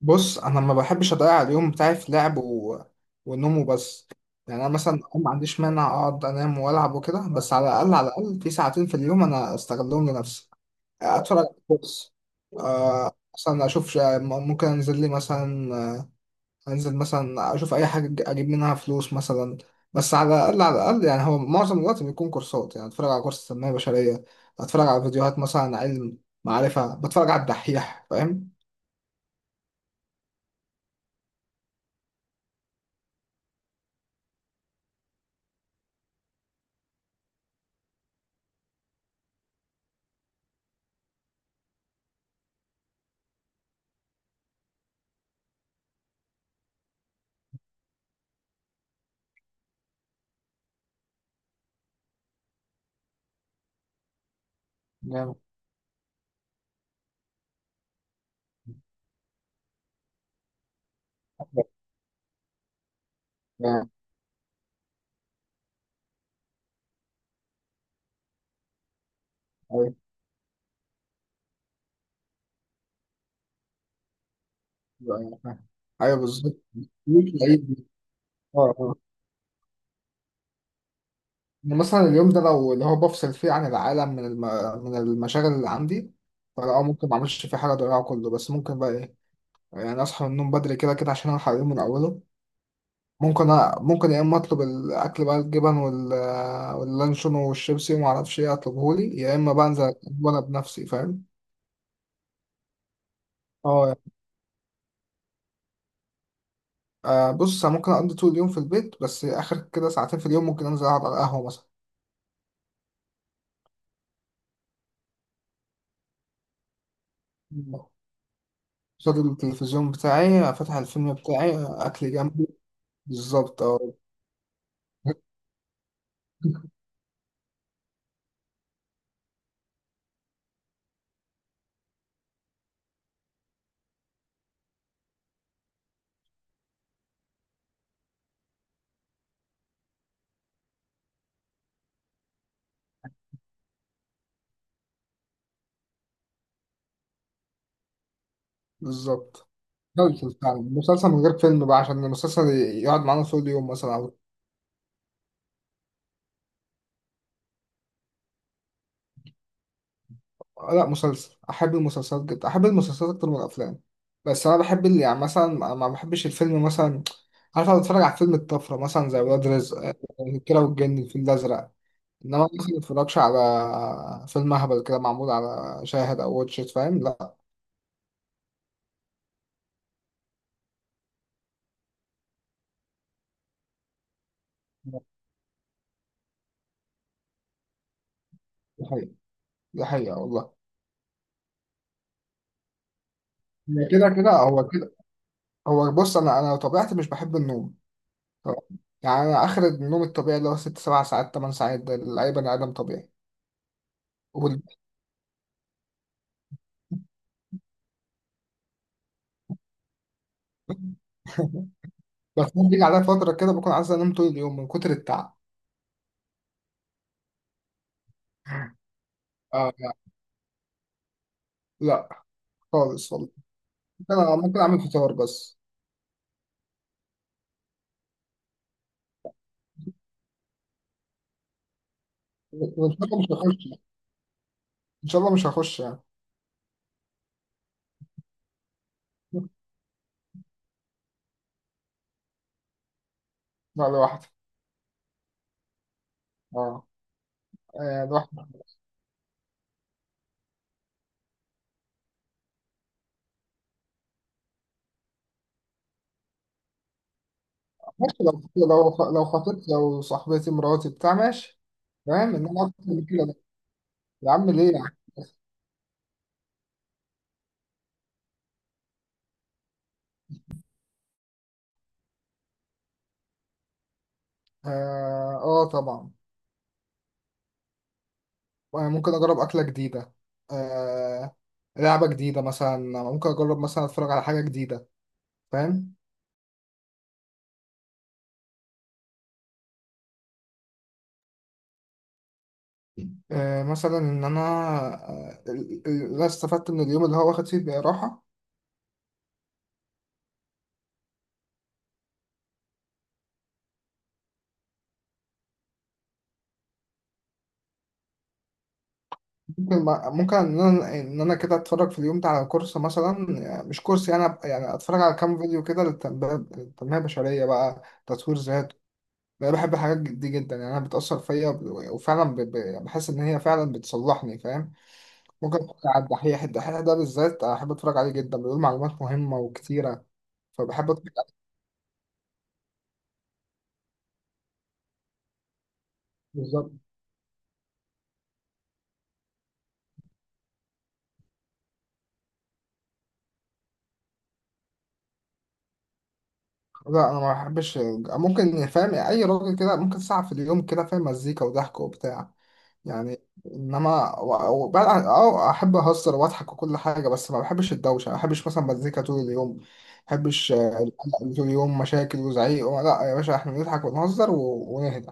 بص، انا ما بحبش اضيع اليوم بتاعي في لعب ونوم وبس. يعني انا مثلا ما عنديش مانع اقعد انام والعب وكده، بس على الاقل على الاقل في ساعتين في اليوم انا استغلهم لنفسي. اتفرج على كورس، مثلا اشوف ممكن انزل لي مثلا، انزل مثلا اشوف اي حاجه اجيب منها فلوس مثلا. بس على الاقل على الاقل يعني هو معظم الوقت بيكون كورسات، يعني اتفرج على كورس تنميه بشريه، اتفرج على فيديوهات مثلا عن علم معرفه، بتفرج على الدحيح، فاهم؟ جامد. جامد. ايوه، أيوة، فاهم. أيوة بالظبط، مش بعيد. اه، اه. يعني مثلا اليوم ده لو اللي هو بفصل فيه عن العالم من المشاغل اللي عندي، فلا، ممكن ما اعملش فيه حاجه اضيعه كله، بس ممكن بقى ايه؟ يعني اصحى من النوم بدري كده كده عشان الحق اليوم من اوله. ممكن يا اما اطلب الاكل بقى الجبن واللانشون والشيبسي وما اعرفش ايه، اطلبه لي، يا اما بقى انزل وانا بنفسي، فاهم؟ اه، آه، بص، أنا ممكن اقضي طول اليوم في البيت، بس اخر كده ساعتين في اليوم ممكن انزل اقعد على القهوه. مثلا قصاد التلفزيون بتاعي، فاتح الفيلم بتاعي، أكل جنبي. بالظبط، أه. بالظبط. مسلسل، فعلا مسلسل من غير فيلم بقى عشان المسلسل يقعد معانا طول اليوم مثلا، أو لا، مسلسل. أحب المسلسلات جدا، أحب المسلسلات أكتر من الأفلام. بس أنا بحب اللي، يعني مثلا ما بحبش الفيلم مثلا، عارف؟ أنا بتفرج على فيلم الطفرة مثلا زي ولاد رزق، آه، الكيرة والجن، الفيل الأزرق. إنما مثلا ما بتفرجش على فيلم أهبل كده معمول على شاهد أو واتشت، فاهم؟ لا. دي حقيقة، دي حقيقة والله. هي كده كده، هو كده. هو بص، انا انا طبيعتي مش بحب النوم، طبعاً. يعني انا اخر النوم الطبيعي اللي هو ست سبع ساعات، ثمان ساعات، ده لاي بني ادم طبيعي. وال- بس ممكن بيجي عليا فتره كده بكون عايز انام طول اليوم من كتر التعب. آه، لا. لا خالص والله، انا ممكن اعمل فطار بس. وان شاء الله مش هخش، ان شاء الله مش هخش يعني. لا، لوحدي. اه، آه، لوحدي. ماشي، لو خطيبتي، لو صاحبتي، مراتي، بتاع، ماشي. فاهم ان انا اكتر من كده؟ لا. يا عم ليه يعني؟ اه، آه، طبعا. ممكن أجرب أكلة جديدة، آه، لعبة جديدة مثلا، ممكن أجرب مثلا أتفرج على حاجة جديدة، فاهم؟ آه مثلا إن أنا، آه، لا استفدت من اليوم اللي هو واخد فيه راحة. ممكن، ممكن إن أنا، إن أنا كده أتفرج في اليوم ده على كورس مثلا، يعني مش كورس، يعني يعني أتفرج على كام فيديو كده للتنمية، التنمية البشرية بقى، تطوير ذات. أنا بحب الحاجات دي جدا، يعني أنا بتأثر فيا وفعلا يعني بحس إن هي فعلا بتصلحني، فاهم؟ ممكن اتفرج على الدحيح، الدحيح ده بالذات احب اتفرج عليه جدا، بيقول معلومات مهمه وكتيره، فبحب اتفرج عليه. بالظبط. لا انا ما بحبش. ممكن، فاهم، اي راجل كده، ممكن ساعه في اليوم كده، فاهم، مزيكا وضحك وبتاع، يعني. انما اه، احب اهزر واضحك وكل حاجه، بس ما بحبش الدوشه، ما بحبش مثلا مزيكا طول اليوم، ما بحبش، آه، القلق اللي طول اليوم، مشاكل وزعيق. لا يا باشا، احنا نضحك ونهزر ونهدى.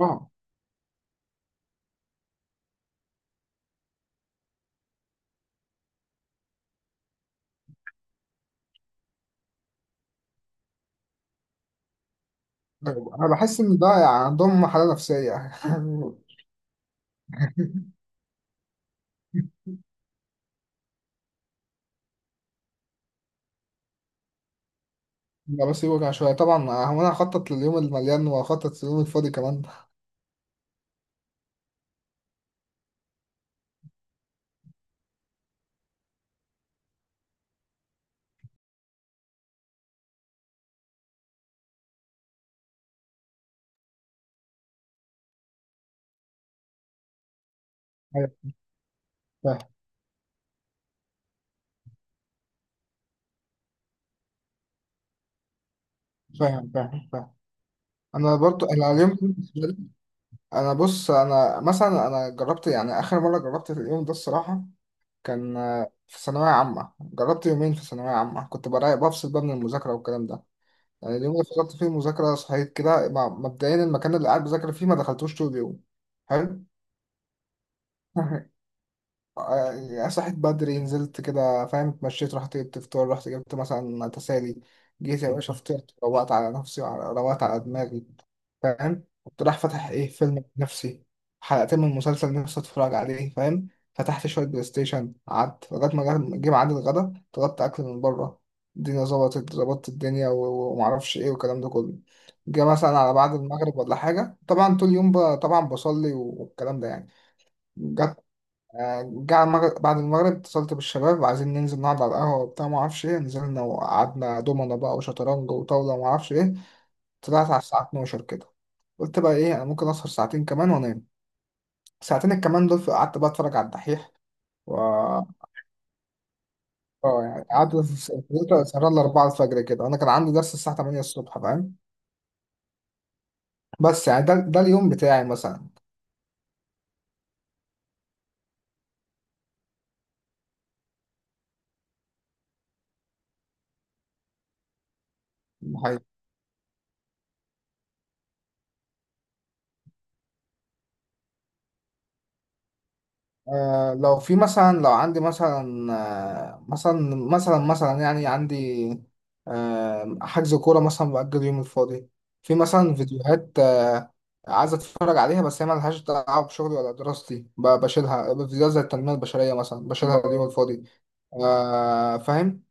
اه. انا بحس ان ده يعني عندهم حاله نفسيه. لا، بس يوجع شوية طبعا. آه، هو أنا هخطط لليوم المليان وهخطط لليوم الفاضي كمان. أيوة، فاهم فاهم فاهم فاهم. أنا برضو أنا اليوم كله بالنسبة أنا بص، أنا مثلا أنا جربت، يعني آخر مرة جربت اليوم ده الصراحة كان، آه، في ثانوية عامة. جربت يومين في ثانوية عامة كنت برايق، بفصل بقى من المذاكرة والكلام ده. يعني اليوم اللي فصلت فيه المذاكرة صحيت كده مبدئيا المكان اللي قاعد بذاكر فيه ما دخلتوش طول اليوم. حلو. آه، صحيت بدري، نزلت كده، فاهم، اتمشيت، رحت جبت فطار، رحت جبت مثلا تسالي، جيت يا باشا فطرت، روقت على نفسي روقت على دماغي، فاهم؟ كنت رايح فاتح ايه فيلم بنفسي، حلقتين من مسلسل نفسي اتفرج عليه، فاهم؟ فتحت شوية بلاي ستيشن، قعدت لغاية ما جه ميعاد الغدا، طلبت أكل من بره، الدنيا ظبطت، ظبطت الدنيا، ومعرفش ايه والكلام ده كله. جه مثلا على بعد المغرب ولا حاجة، طبعا طول اليوم طبعا بصلي والكلام ده يعني. آه، جه على المغرب، بعد المغرب اتصلت بالشباب عايزين ننزل نقعد على القهوة وبتاع ما اعرفش ايه. نزلنا وقعدنا، دومنا بقى وشطرنج وطاولة ما اعرفش ايه. طلعت على الساعة 12 كده، قلت بقى ايه، انا ممكن اسهر ساعتين كمان وانام. ساعتين الكمان دول قعدت بقى اتفرج على الدحيح و، اه، يعني قعدت في الكمبيوتر سهران ل 4 الفجر كده، انا كان عندي درس الساعة 8 الصبح، فاهم؟ بس يعني ده, ده اليوم بتاعي مثلا. آه لو في مثلا، لو عندي مثلا، آه، مثلا، مثلا، مثلا، يعني عندي، آه، حجز كورة مثلا بأجل يوم الفاضي. في مثلا فيديوهات، آه، عايز أتفرج عليها بس هي ملهاش دعوة بشغلي ولا دراستي، بشيلها، فيديوهات زي التنمية البشرية مثلا بشيلها اليوم الفاضي. آه فاهم.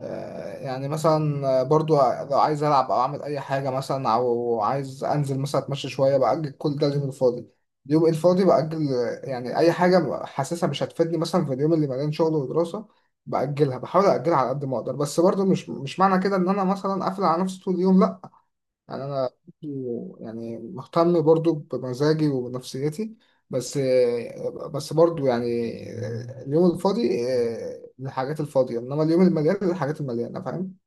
آه، يعني مثلا برضو لو عايز ألعب أو أعمل أي حاجة مثلا، أو عايز أنزل مثلا أتمشى شوية، بأجل كل ده اليوم الفاضي، اليوم الفاضي بأجل. يعني أي حاجة حاسسها مش هتفيدني مثلا في اليوم اللي مليان شغل ودراسة بأجلها، بحاول أأجلها على قد ما أقدر. بس برضو مش معنى كده إن أنا مثلا قافل على نفسي طول اليوم، لأ. يعني انا، يعني مهتم برضو بمزاجي وبنفسيتي. بس، بس برضو يعني اليوم الفاضي، آه، للحاجات الفاضية، انما اليوم المليان للحاجات المليانة، فاهم؟